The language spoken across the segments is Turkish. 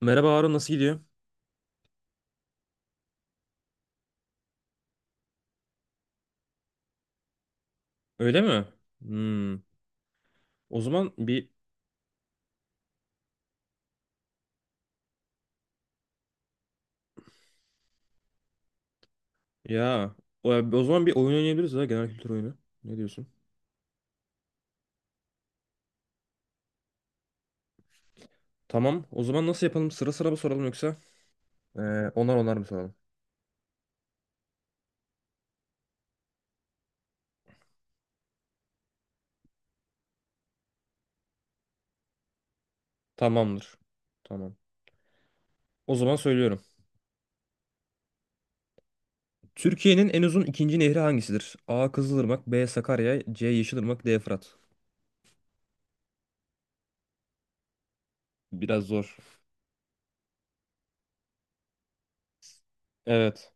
Merhaba Harun, nasıl gidiyor? Öyle mi? Hmm. O zaman bir ya o zaman bir oyun oynayabiliriz ya, genel kültür oyunu. Ne diyorsun? Tamam. O zaman nasıl yapalım? Sıra sıra mı soralım, yoksa e, onar onar mı soralım? Tamamdır. Tamam. O zaman söylüyorum. Türkiye'nin en uzun ikinci nehri hangisidir? A. Kızılırmak, B. Sakarya, C. Yeşilırmak, D. Fırat. Biraz zor. Evet.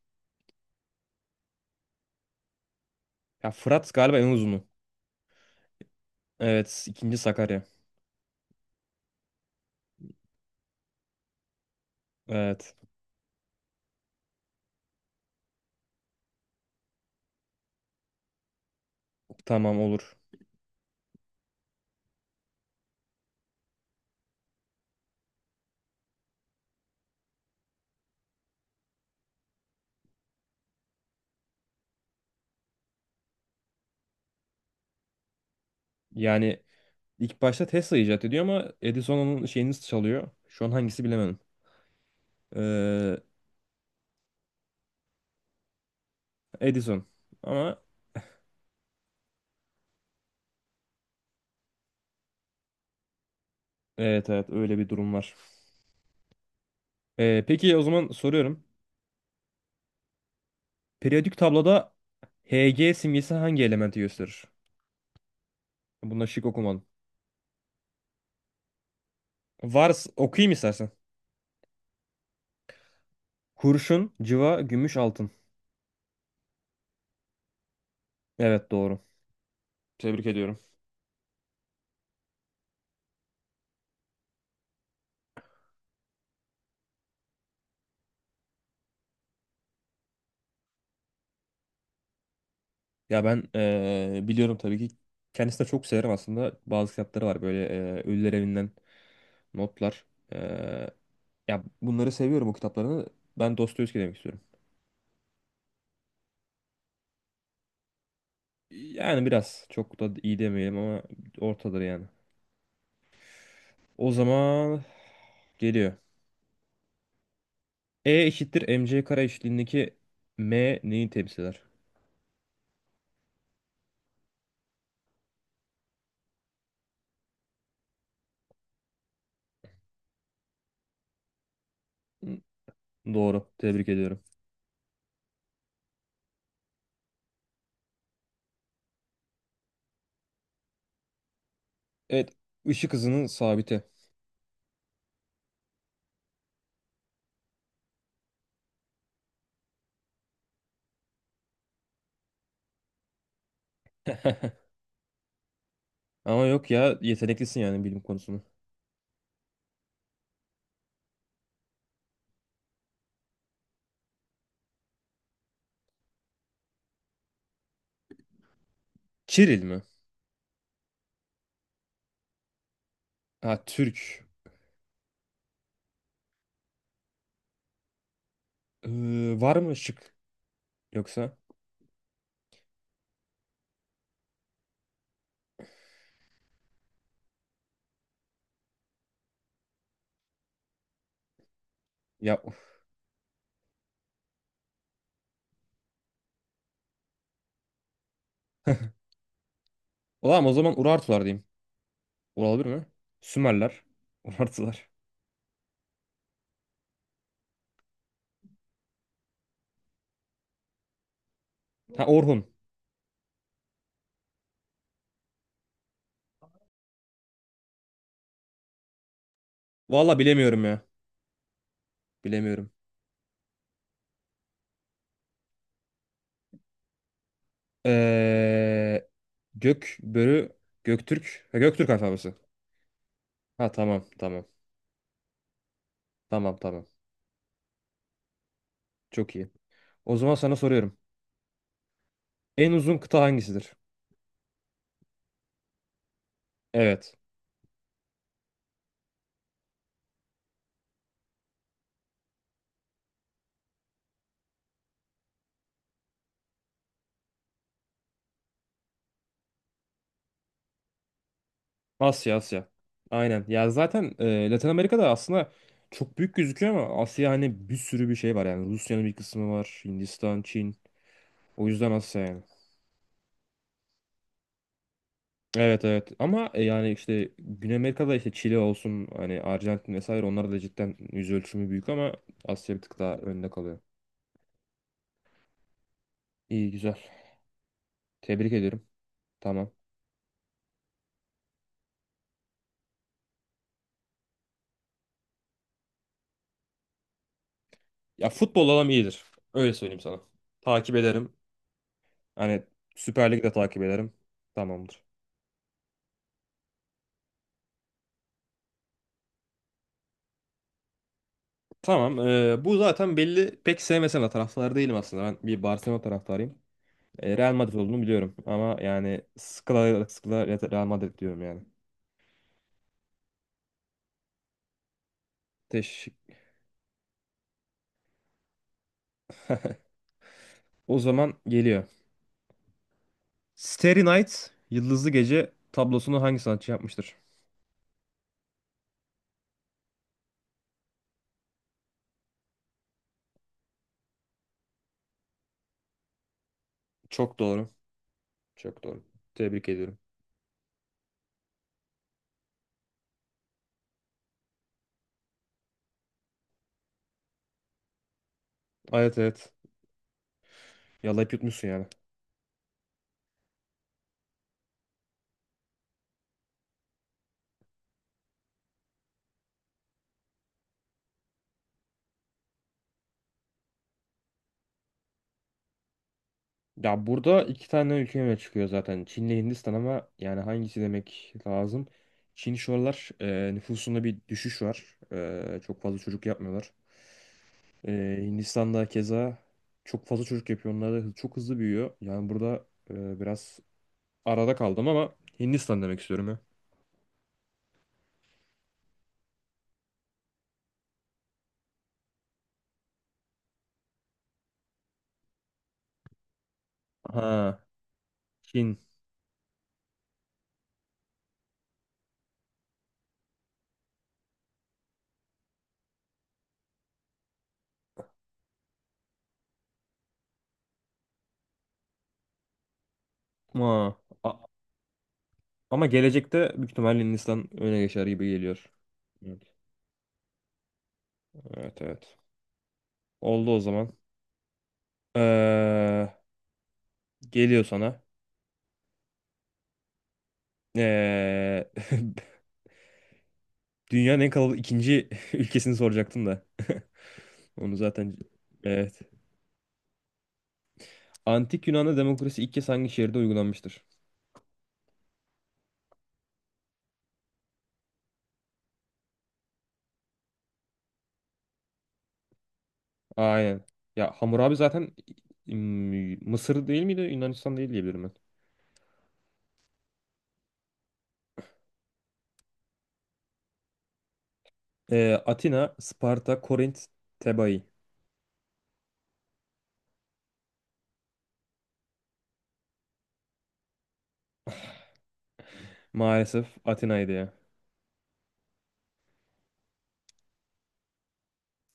Ya Fırat galiba en uzunu. Evet, ikinci Sakarya. Evet. Tamam, olur. Yani İlk başta Tesla icat ediyor ama Edison onun şeyini çalıyor. Şu an hangisi bilemedim. Ee, Edison. Ama evet, evet, öyle bir durum var. Peki, o zaman soruyorum. Periyodik tabloda Hg simgesi hangi elementi gösterir? Bunda şık okumadım. Vars okuyayım istersen. Kurşun, cıva, gümüş, altın. Evet, doğru. Tebrik ediyorum. Ya ben biliyorum tabii ki. Kendisini de çok severim aslında. Bazı kitapları var böyle, Ölüler Evinden. Notlar. Ee, ya bunları seviyorum, o kitaplarını. Ben Dostoyevski demek istiyorum. Yani biraz, çok da iyi demeyelim ama ortadır yani. O zaman geliyor. E eşittir mc kare eşitliğindeki m neyi temsil eder? Hı, doğru. Tebrik ediyorum. Evet. Işık hızının sabiti. Ama yok ya, yeteneklisin yani bilim konusunu. Çiril mi? Ha, Türk. Var mı şık, yoksa? Ya ulan, o zaman Urartular diyeyim. Olabilir mi? Sümerler. Urartular. Ha, Orhun. Valla bilemiyorum ya. Bilemiyorum. Ee, Gök börü. Göktürk. Ha, Göktürk alfabesi. Ha, tamam tamam. Tamam tamam. Çok iyi. O zaman sana soruyorum. En uzun kıta hangisidir? Evet. Asya, Asya. Aynen. Ya zaten Latin Amerika'da aslında çok büyük gözüküyor ama Asya, hani bir sürü bir şey var yani. Rusya'nın bir kısmı var. Hindistan, Çin. O yüzden Asya yani. Evet, evet, ama yani işte Güney Amerika'da, işte Çili olsun, hani Arjantin vesaire, onlar da cidden yüz ölçümü büyük ama Asya bir tık daha önde kalıyor. İyi, güzel. Tebrik ederim. Tamam. Ya futbol alam iyidir. Öyle söyleyeyim sana. Takip ederim. Hani Süper Lig'i de takip ederim. Tamamdır. Tamam. Bu zaten belli. Pek sevmesen de, taraftar değilim aslında. Ben bir Barcelona taraftarıyım. Real Madrid olduğunu biliyorum. Ama yani sıkıla sıkıla Real Madrid diyorum yani. Teşekkür. O zaman geliyor. Starry Night, Yıldızlı Gece tablosunu hangi sanatçı yapmıştır? Çok doğru. Çok doğru. Tebrik ediyorum. Evet, evet. Yalayıp yutmuşsun yani. Ya burada iki tane ülke öne çıkıyor zaten. Çin'le Hindistan, ama yani hangisi demek lazım? Çin şu aralar, nüfusunda bir düşüş var. Çok fazla çocuk yapmıyorlar. Hindistan'da keza çok fazla çocuk yapıyor. Onlar da çok hızlı büyüyor. Yani burada biraz arada kaldım ama Hindistan demek istiyorum ya. Ha, Çin. Ma. Ama gelecekte büyük ihtimalle Hindistan öne geçer gibi geliyor. Evet. Evet, evet. Oldu o zaman. Ee, geliyor sana. Ee, Dünyanın en kalabalık ikinci ülkesini soracaktım da. Onu zaten... Evet. Antik Yunan'da demokrasi ilk kez hangi şehirde uygulanmıştır? Aynen. Ya Hammurabi zaten, Mısır değil miydi? Yunanistan değil diyebilirim ben. Atina, Sparta, Korint, Tebai. Maalesef Atina'ydı ya.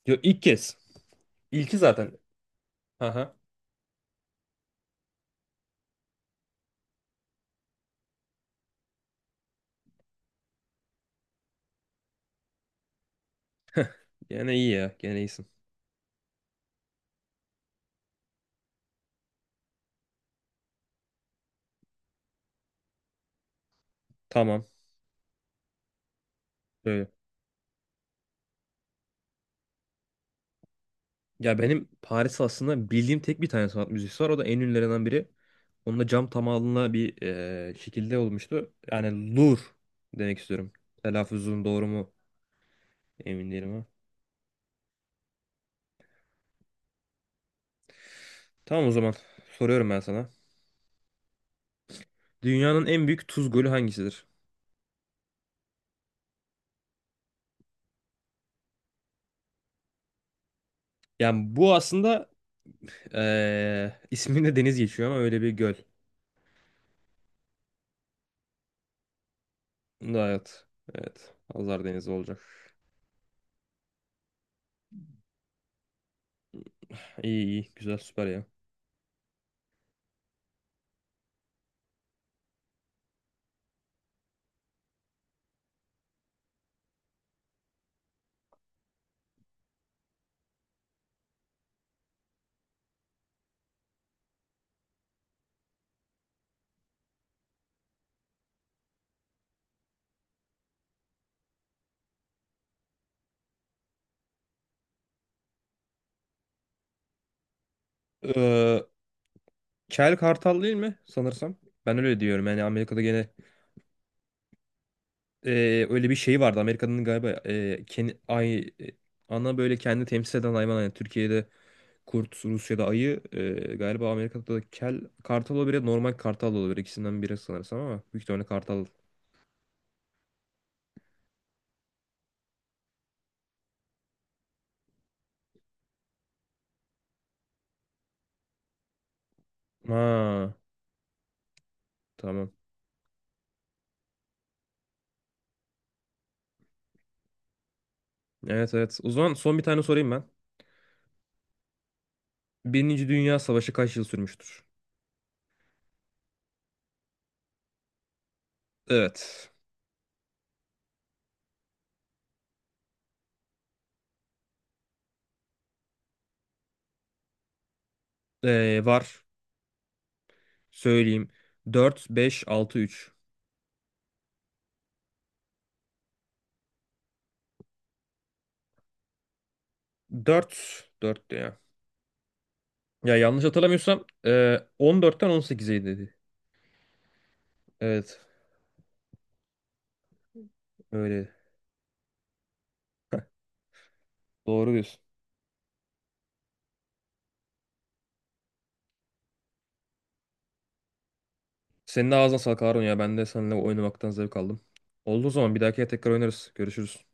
Yo, ilk kez. İlki zaten. Aha. Gene iyi ya. Gene iyisin. Tamam. Böyle. Ya benim Paris aslında bildiğim tek bir tane sanat müzesi var. O da en ünlülerinden biri. Onun da cam tamamına bir şekilde olmuştu. Yani Louvre demek istiyorum. Telaffuzum doğru mu? Emin değilim ama. Tamam, o zaman. Soruyorum ben sana. Dünyanın en büyük tuz gölü hangisidir? Yani bu aslında isminde deniz geçiyor ama öyle bir göl. Evet. Evet. Hazar Denizi olacak. İyi, iyi. Güzel, süper ya. Ee, Kel Kartal değil mi sanırsam? Ben öyle diyorum. Yani Amerika'da gene, e, öyle bir şey vardı. Amerika'nın galiba, ana böyle kendi temsil eden hayvan. Yani Türkiye'de kurt, Rusya'da ayı. Galiba Amerika'da da kel kartal olabilir. Normal kartal olabilir. İkisinden biri sanırsam ama büyük ihtimalle kartal. Ha, tamam. Evet, evet. O zaman son bir tane sorayım ben. Birinci Dünya Savaşı kaç yıl sürmüştür? Evet. Var. Söyleyeyim. Dört, beş, altı, üç. Dört, dört ya. Ya yanlış hatırlamıyorsam, on 18'e dedi. Evet. Öyle. Doğru diyorsun. Senin de ağzına sağlık Harun ya. Ben de seninle oynamaktan zevk aldım. Olduğu zaman bir dahakiye tekrar oynarız. Görüşürüz.